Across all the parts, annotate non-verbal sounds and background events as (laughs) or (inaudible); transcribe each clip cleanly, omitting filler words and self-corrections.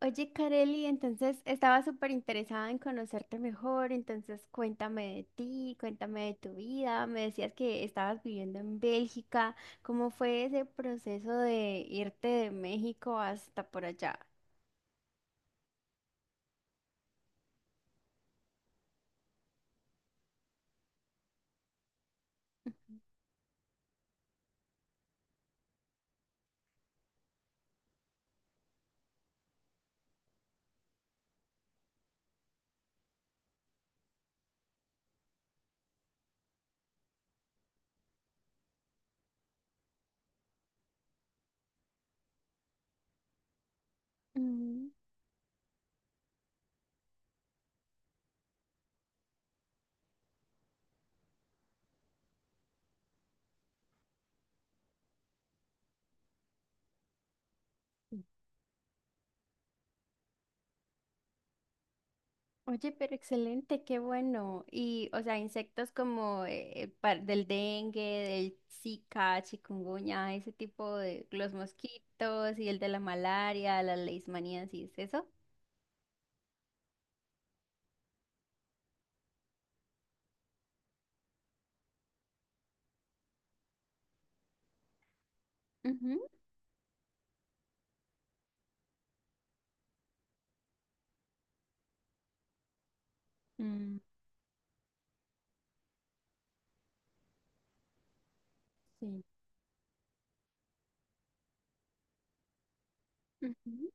Oye, Kareli, entonces estaba súper interesada en conocerte mejor, entonces cuéntame de ti, cuéntame de tu vida, me decías que estabas viviendo en Bélgica, ¿cómo fue ese proceso de irte de México hasta por allá? Mm. Oye, pero excelente, qué bueno. Y, o sea, insectos como del dengue, del Zika, chikungunya, ese tipo de los mosquitos y el de la malaria, las leishmaniasis, ¿eso? Ujú. Sí. Ujú.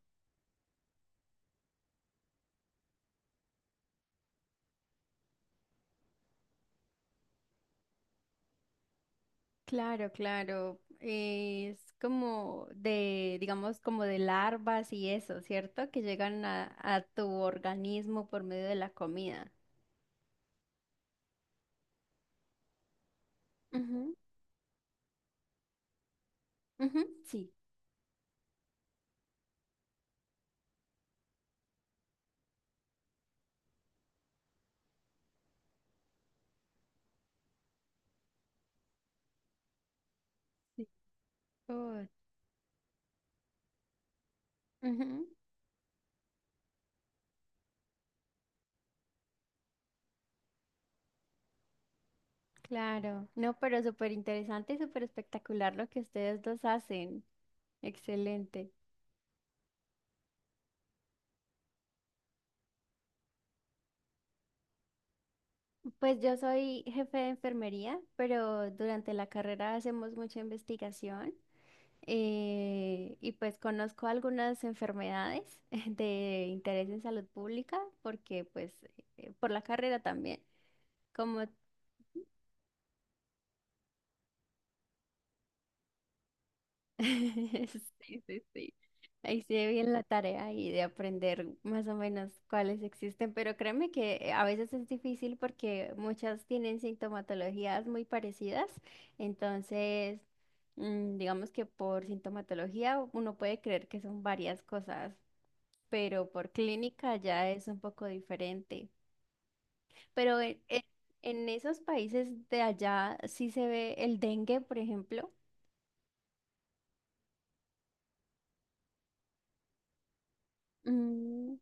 Claro, claro. Es como de, digamos, como de larvas y eso, ¿cierto? Que llegan a tu organismo por medio de la comida. Ujú, ujú. Sí, sí. Oh, ujú. Claro. No, pero súper interesante y súper espectacular lo que ustedes dos hacen. Excelente. Pues yo soy jefe de enfermería, pero durante la carrera hacemos mucha investigación. Y pues conozco algunas enfermedades (laughs) de interés en salud pública porque pues por la carrera también, como (laughs) sí, sí, sí. Ahí se ve bien la tarea y de aprender más o menos cuáles existen, pero créeme que a veces es difícil porque muchas tienen sintomatologías muy parecidas, entonces digamos que por sintomatología uno puede creer que son varias cosas, pero por clínica ya es un poco diferente. Pero en esos países de allá sí se ve el dengue, por ejemplo. Mm.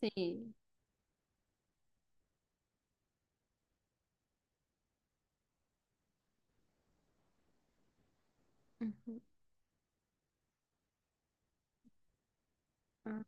Sí. Ujú. Ah.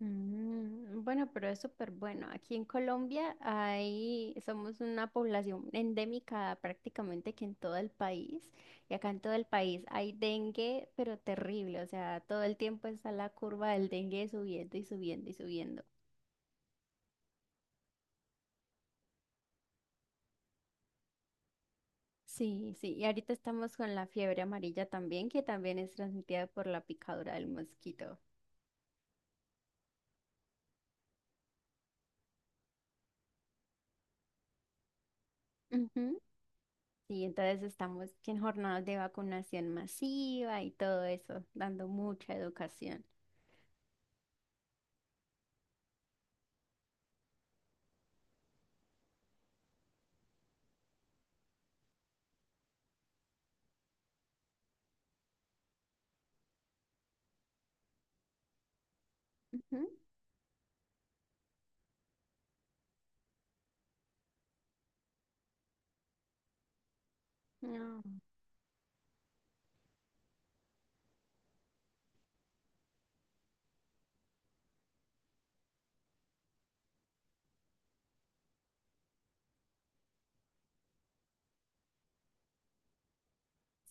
Mm, bueno, pero es súper bueno. Aquí en Colombia hay, somos una población endémica prácticamente que en todo el país. Y acá en todo el país hay dengue, pero terrible. O sea, todo el tiempo está la curva del dengue subiendo y subiendo y subiendo. Sí, sí, y ahorita estamos con la fiebre amarilla también, que también es transmitida por la picadura del mosquito. Ujú. Sí, entonces estamos en jornadas de vacunación masiva y todo eso, dando mucha educación. Ujú. Ah.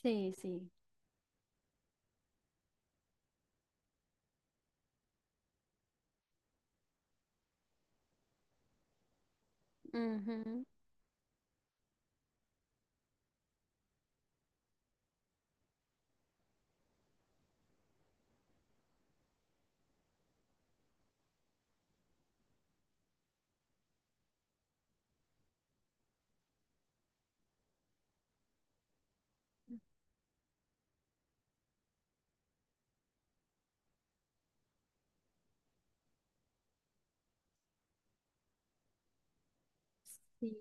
Sí, sí. Ujú. Sí.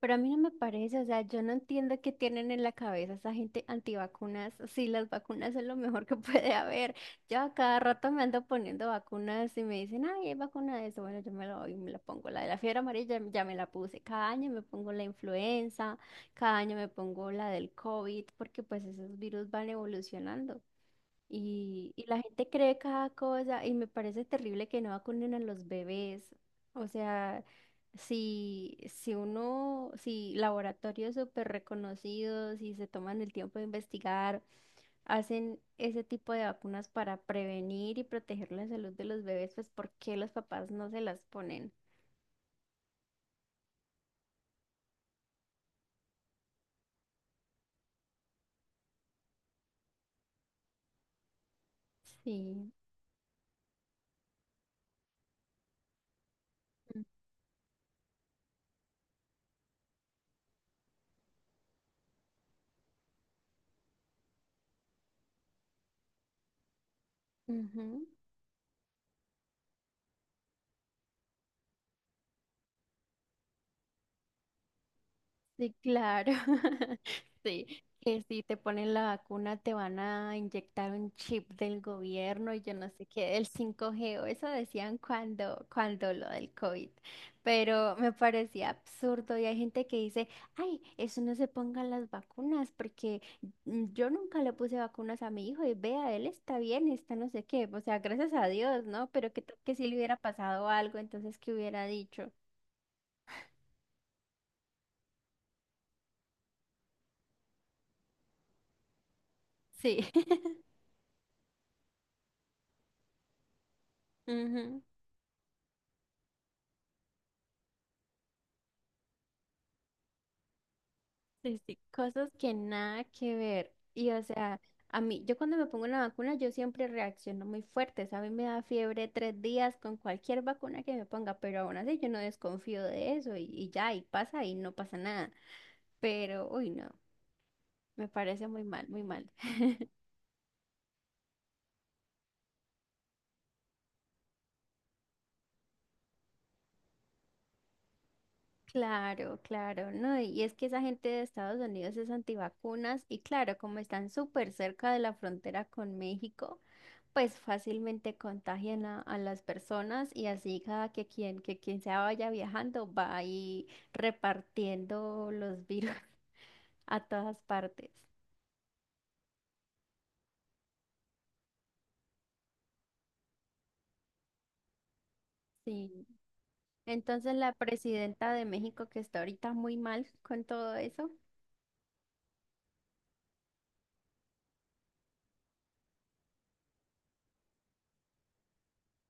Pero a mí no me parece, o sea, yo no entiendo qué tienen en la cabeza esa gente antivacunas. Sí, las vacunas son lo mejor que (laughs) puede haber. Yo a cada rato me ando poniendo vacunas y me dicen, ay, hay vacuna de eso. Bueno, yo me la doy, me la pongo. La de la fiebre amarilla ya me la puse. Cada año me pongo la influenza, cada año me pongo la del COVID, porque pues esos virus van evolucionando. Y la gente cree cada cosa y me parece terrible que no vacunen a los bebés. O sea, si uno, si laboratorios súper reconocidos y se toman el tiempo de investigar, hacen ese tipo de vacunas para prevenir y proteger la salud de los bebés, pues ¿por qué los papás no se las ponen? Sí. Ujú. Sí, claro. (laughs) Sí, que si te ponen la vacuna te van a inyectar un chip del gobierno y yo no sé qué, del 5G o eso decían cuando lo del COVID. Pero me parecía absurdo y hay gente que dice, ay, eso no se pongan las vacunas porque yo nunca le puse vacunas a mi hijo y vea, él está bien, está no sé qué. O sea, gracias a Dios, ¿no? Pero que si le hubiera pasado algo, entonces, ¿qué hubiera dicho? Sí. (laughs) Ujú. Sí, sí, cosas que nada que ver. Y o sea, a mí, yo cuando me pongo una vacuna, yo siempre reacciono muy fuerte, ¿sabes? A mí me da fiebre 3 días con cualquier vacuna que me ponga, pero aún así yo no desconfío de eso y ya, y pasa y no pasa nada. Pero, uy, no, me parece muy mal, muy mal. Claro, claro, no. Y es que esa gente de Estados Unidos es antivacunas y claro, como están súper cerca de la frontera con México, pues fácilmente contagian a las personas y así cada que quien se vaya viajando va ahí repartiendo los virus (laughs) a todas partes. Sí. Entonces la presidenta de México que está ahorita muy mal con todo eso.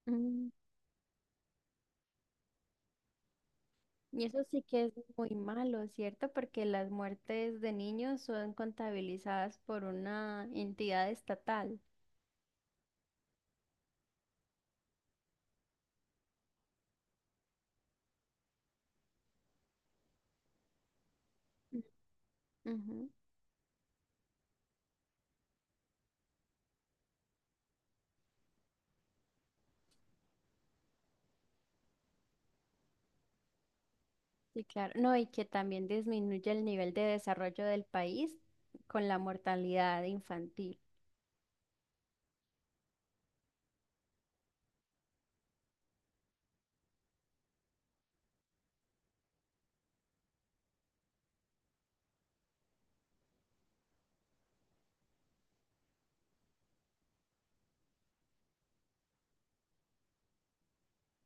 Mm. Y eso sí que es muy malo, ¿cierto? Porque las muertes de niños son contabilizadas por una entidad estatal. Ujú. Sí, claro. No, y que también disminuye el nivel de desarrollo del país con la mortalidad infantil.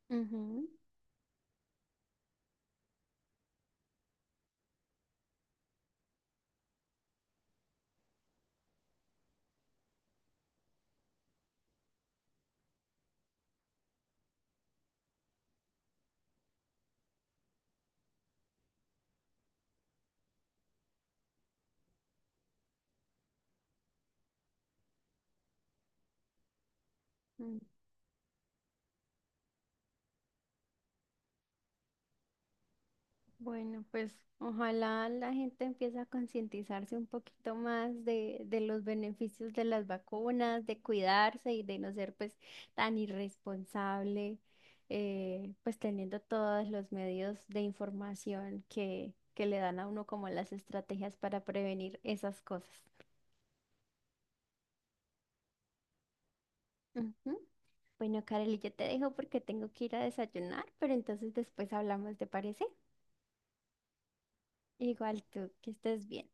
Ujú. Mm. Bueno, pues ojalá la gente empiece a concientizarse un poquito más de los beneficios de las vacunas, de cuidarse y de no ser pues tan irresponsable, pues teniendo todos los medios de información que le dan a uno como las estrategias para prevenir esas cosas. Ujú. Bueno, Kareli, yo te dejo porque tengo que ir a desayunar, pero entonces después hablamos, ¿te parece? Igual tú, que estés bien.